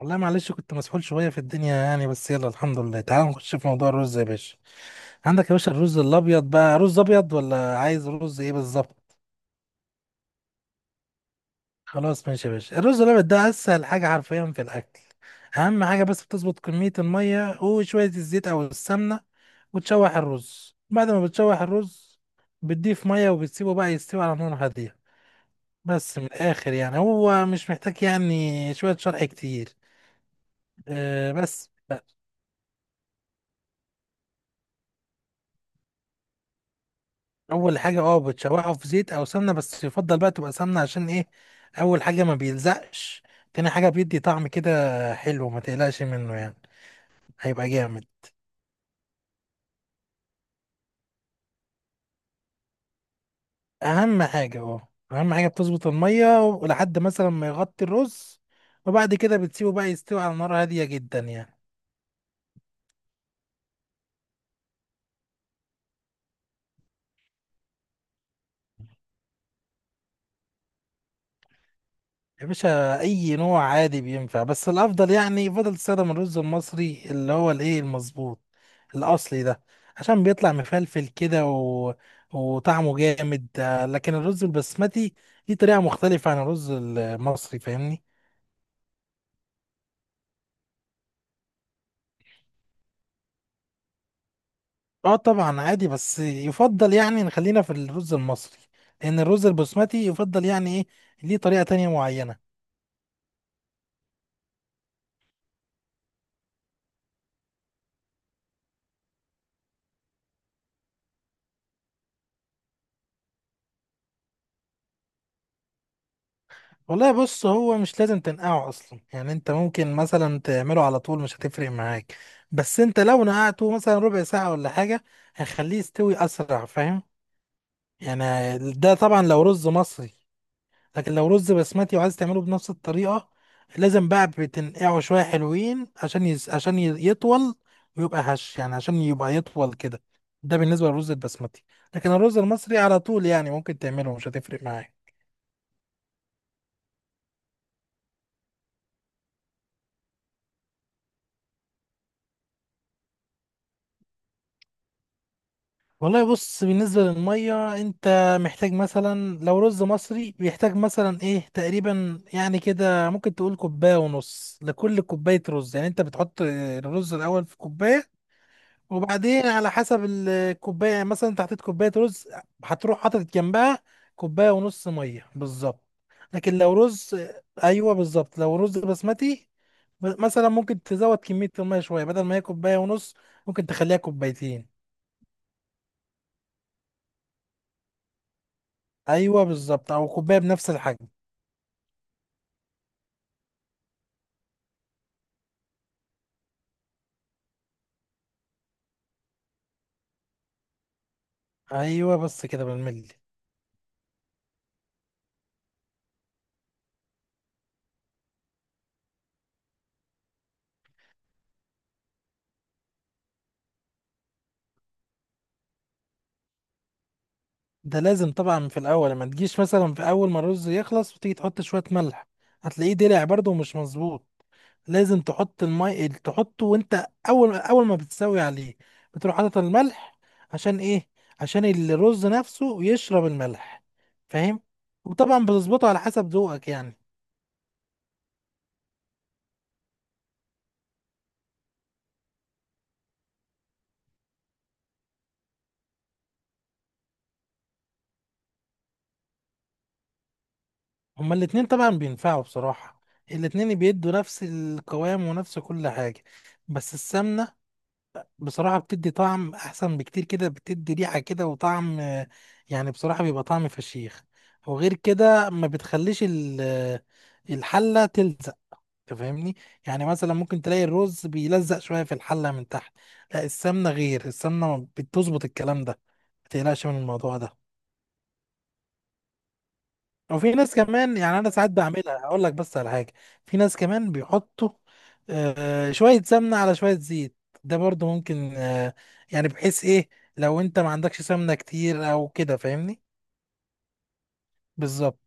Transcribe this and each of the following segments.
والله معلش كنت مسحول شوية في الدنيا يعني، بس يلا الحمد لله. تعال نخش في موضوع الرز يا باشا. عندك يا باشا الرز الأبيض، بقى رز أبيض ولا عايز رز إيه بالظبط؟ خلاص ماشي يا باشا، الرز الأبيض ده أسهل حاجة حرفيا في الأكل. أهم حاجة بس بتظبط كمية المية وشوية الزيت أو السمنة، وتشوح الرز. بعد ما بتشوح الرز بتضيف مية وبتسيبه بقى يستوي على نار هادية. بس من الآخر يعني هو مش محتاج يعني شوية شرح كتير. أه بس. اول حاجه، بتشوحه في زيت او سمنه، بس يفضل بقى تبقى سمنه. عشان ايه؟ اول حاجه ما بيلزقش. تاني حاجه بيدي طعم كده حلو، ما تقلقش منه يعني، هيبقى جامد. اهم حاجه بتظبط الميه لحد مثلا ما يغطي الرز، وبعد كده بتسيبه بقى يستوي على نار هاديه جدا يعني. يا باشا اي نوع عادي بينفع، بس الافضل يعني يفضل تستخدم الرز المصري، اللي هو الايه، المظبوط الاصلي ده، عشان بيطلع مفلفل كده وطعمه جامد. لكن الرز البسمتي ليه طريقة مختلفة عن الرز المصري، فاهمني؟ اه طبعا عادي، بس يفضل يعني نخلينا في الرز المصري، لان الرز البسمتي يفضل يعني ايه، ليه طريقة تانية معينة. والله بص، هو مش لازم تنقعه اصلا، يعني انت ممكن مثلا تعمله على طول مش هتفرق معاك. بس انت لو نقعته مثلا ربع ساعة ولا حاجة هيخليه يستوي اسرع، فاهم يعني. ده طبعا لو رز مصري. لكن لو رز بسمتي وعايز تعمله بنفس الطريقة، لازم بقى بتنقعه شوية حلوين عشان يطول ويبقى هش يعني، عشان يبقى يطول كده. ده بالنسبة للرز البسمتي. لكن الرز المصري على طول يعني ممكن تعمله مش هتفرق معاك. والله بص، بالنسبة للمية انت محتاج مثلا، لو رز مصري بيحتاج مثلا ايه تقريبا يعني كده، ممكن تقول كوباية ونص لكل كوباية رز. يعني انت بتحط الرز الأول في كوباية، وبعدين على حسب الكوباية. يعني مثلا انت حطيت كوباية رز، هتروح حاطط جنبها كوباية ونص مية بالظبط. لكن لو رز، ايوه بالظبط، لو رز بسمتي مثلا ممكن تزود كمية المية شوية، بدل ما هي كوباية ونص ممكن تخليها كوبايتين. ايوه بالظبط، او كوبايه بنفس الحجم. ايوه بس كده بالملي. ده لازم طبعا في الاول، ما تجيش مثلا في اول ما الرز يخلص وتيجي تحط شويه ملح، هتلاقيه دلع برضه ومش مظبوط. لازم تحط المي تحطه وانت اول ما بتسوي عليه، بتروح حاطط الملح. عشان ايه؟ عشان الرز نفسه يشرب الملح، فاهم؟ وطبعا بتظبطه على حسب ذوقك يعني. هما الاتنين طبعا بينفعوا بصراحة، الاتنين بيدوا نفس القوام ونفس كل حاجة. بس السمنة بصراحة بتدي طعم أحسن بكتير كده، بتدي ريحة كده وطعم، يعني بصراحة بيبقى طعم فشيخ. وغير كده ما بتخليش الحلة تلزق، تفهمني؟ يعني مثلا ممكن تلاقي الرز بيلزق شوية في الحلة من تحت. لا السمنة، غير السمنة بتظبط الكلام ده، ما تقلقش من الموضوع ده. وفي ناس كمان يعني انا ساعات بعملها، هقول لك بس على حاجه. في ناس كمان بيحطوا، شويه سمنه على شويه زيت، ده برضو ممكن. يعني بحيث ايه، لو انت ما عندكش سمنه كتير او كده، فاهمني؟ بالظبط.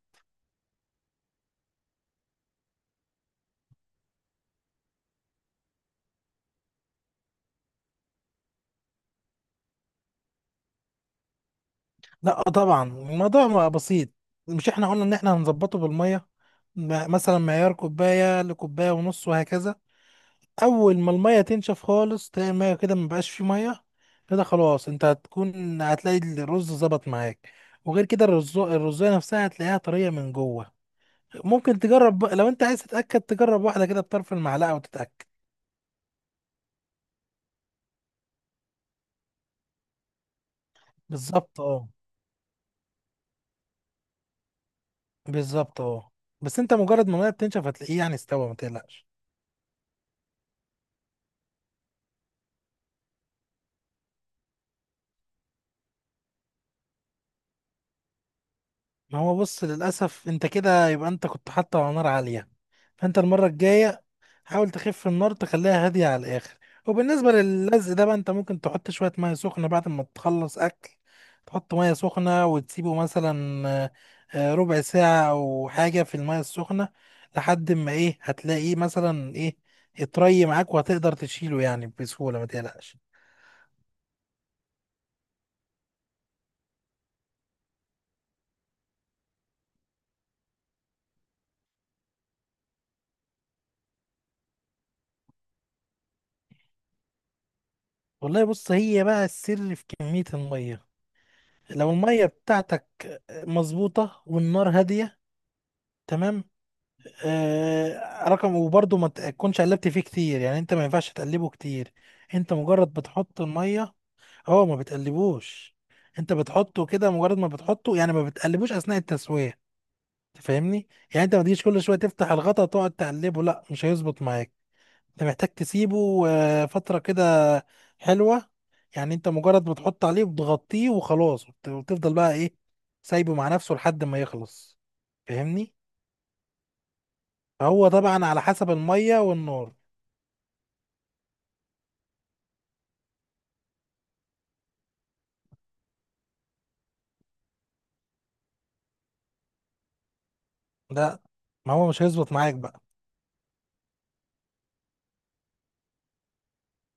لا طبعا الموضوع ما بسيط. مش احنا قلنا ان احنا هنظبطه بالميه، مثلا معيار كوبايه لكوبايه ونص وهكذا. اول ما الميه تنشف خالص، تلاقي الميه كده مبقاش فيه ميه، كده خلاص انت هتكون هتلاقي الرز ظبط معاك. وغير كده الرز الرزايه نفسها هتلاقيها طريه من جوه. ممكن لو انت عايز تتاكد تجرب واحده كده بطرف المعلقه وتتاكد. بالظبط اه. بالظبط اه. بس انت مجرد ما الميه بتنشف هتلاقيه يعني استوى، ما تقلقش. ما هو بص، للاسف انت كده يبقى انت كنت حاطه على نار عاليه. فانت المره الجايه حاول تخف النار، تخليها هادية على الآخر. وبالنسبة للزق ده بقى، أنت ممكن تحط شوية مية سخنة بعد ما تخلص أكل، تحط مية سخنة وتسيبه مثلا آه، ربع ساعة أو حاجة في المية السخنة، لحد ما إيه، هتلاقيه مثلا إيه، اتري معاك وهتقدر تشيله يعني بسهولة، ما تقلقش. والله بص، هي بقى السر في كمية المية. لو المية بتاعتك مظبوطة والنار هادية تمام، رقم، وبرضه ما تكونش قلبت فيه كتير. يعني انت ما ينفعش تقلبه كتير. انت مجرد بتحط الميه، هو ما بتقلبوش. انت بتحطه كده مجرد ما بتحطه، يعني ما بتقلبوش اثناء التسويه، تفهمني؟ يعني انت ما تجيش كل شويه تفتح الغطا تقعد تقلبه، لا مش هيظبط معاك. انت محتاج تسيبه فتره كده حلوه. يعني انت مجرد بتحط عليه وتغطيه وخلاص، وتفضل بقى ايه، سايبه مع نفسه لحد ما يخلص، فاهمني؟ فهو طبعا على حسب الميه والنار. لا ما هو مش هيظبط معاك بقى.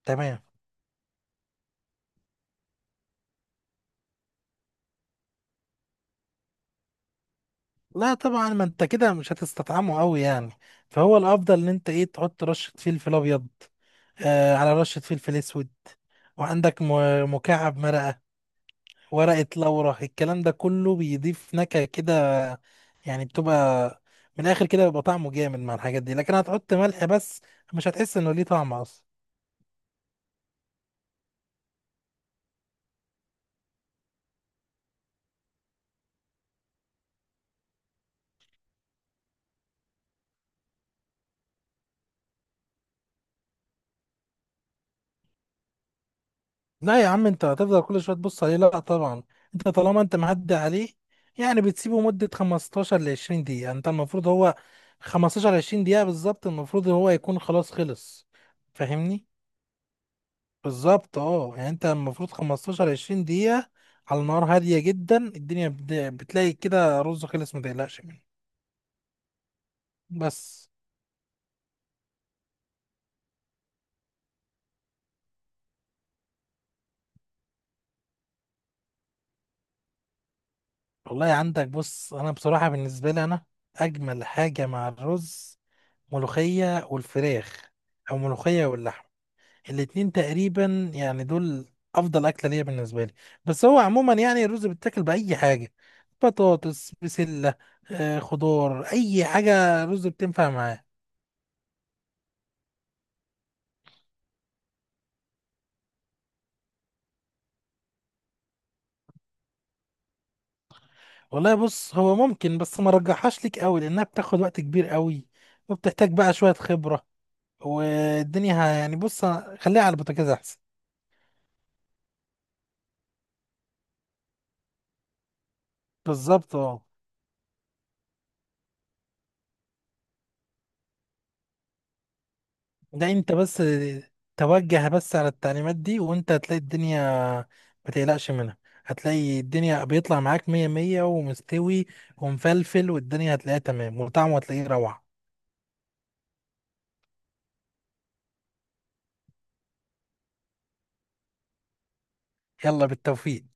تمام. لا طبعا ما انت كده مش هتستطعمه قوي يعني. فهو الافضل ان انت ايه، تحط رشه فلفل ابيض، على رشه فلفل اسود، وعندك مكعب مرقه، ورقه لورا. الكلام ده كله بيضيف نكهه كده، يعني بتبقى من الاخر كده بيبقى طعمه جامد مع الحاجات دي. لكن هتحط ملح بس، مش هتحس انه ليه طعم اصلا. لا يا عم انت هتفضل كل شويه تبص عليه؟ لا طبعا. انت طالما انت معدي عليه، يعني بتسيبه مده 15 ل 20 دقيقه. يعني انت المفروض هو 15 20 دقيقه بالظبط، المفروض هو يكون خلاص خلص، فاهمني؟ بالظبط اه، يعني انت المفروض 15 20 دقيقه على نار هاديه جدا. الدنيا بتلاقي كده رز خلص، ما تقلقش منه. بس. والله عندك بص، انا بصراحه بالنسبه لي انا، اجمل حاجه مع الرز ملوخيه والفراخ، او ملوخيه واللحمه. الاتنين تقريبا يعني دول افضل اكله ليا بالنسبه لي. بس هو عموما يعني الرز بيتاكل باي حاجه، بطاطس، بسله، خضار، اي حاجه رز بتنفع معاه. والله بص، هو ممكن بس ما رجحهاش ليك قوي، لانها بتاخد وقت كبير قوي، وبتحتاج بقى شويه خبره. والدنيا يعني بص، خليها على البوتاجاز احسن. بالظبط اه. ده انت بس توجه بس على التعليمات دي، وانت هتلاقي الدنيا ما تقلقش منها. هتلاقي الدنيا بيطلع معاك مية مية ومستوي ومفلفل، والدنيا هتلاقيها تمام، وطعمه هتلاقيه روعة. يلا بالتوفيق.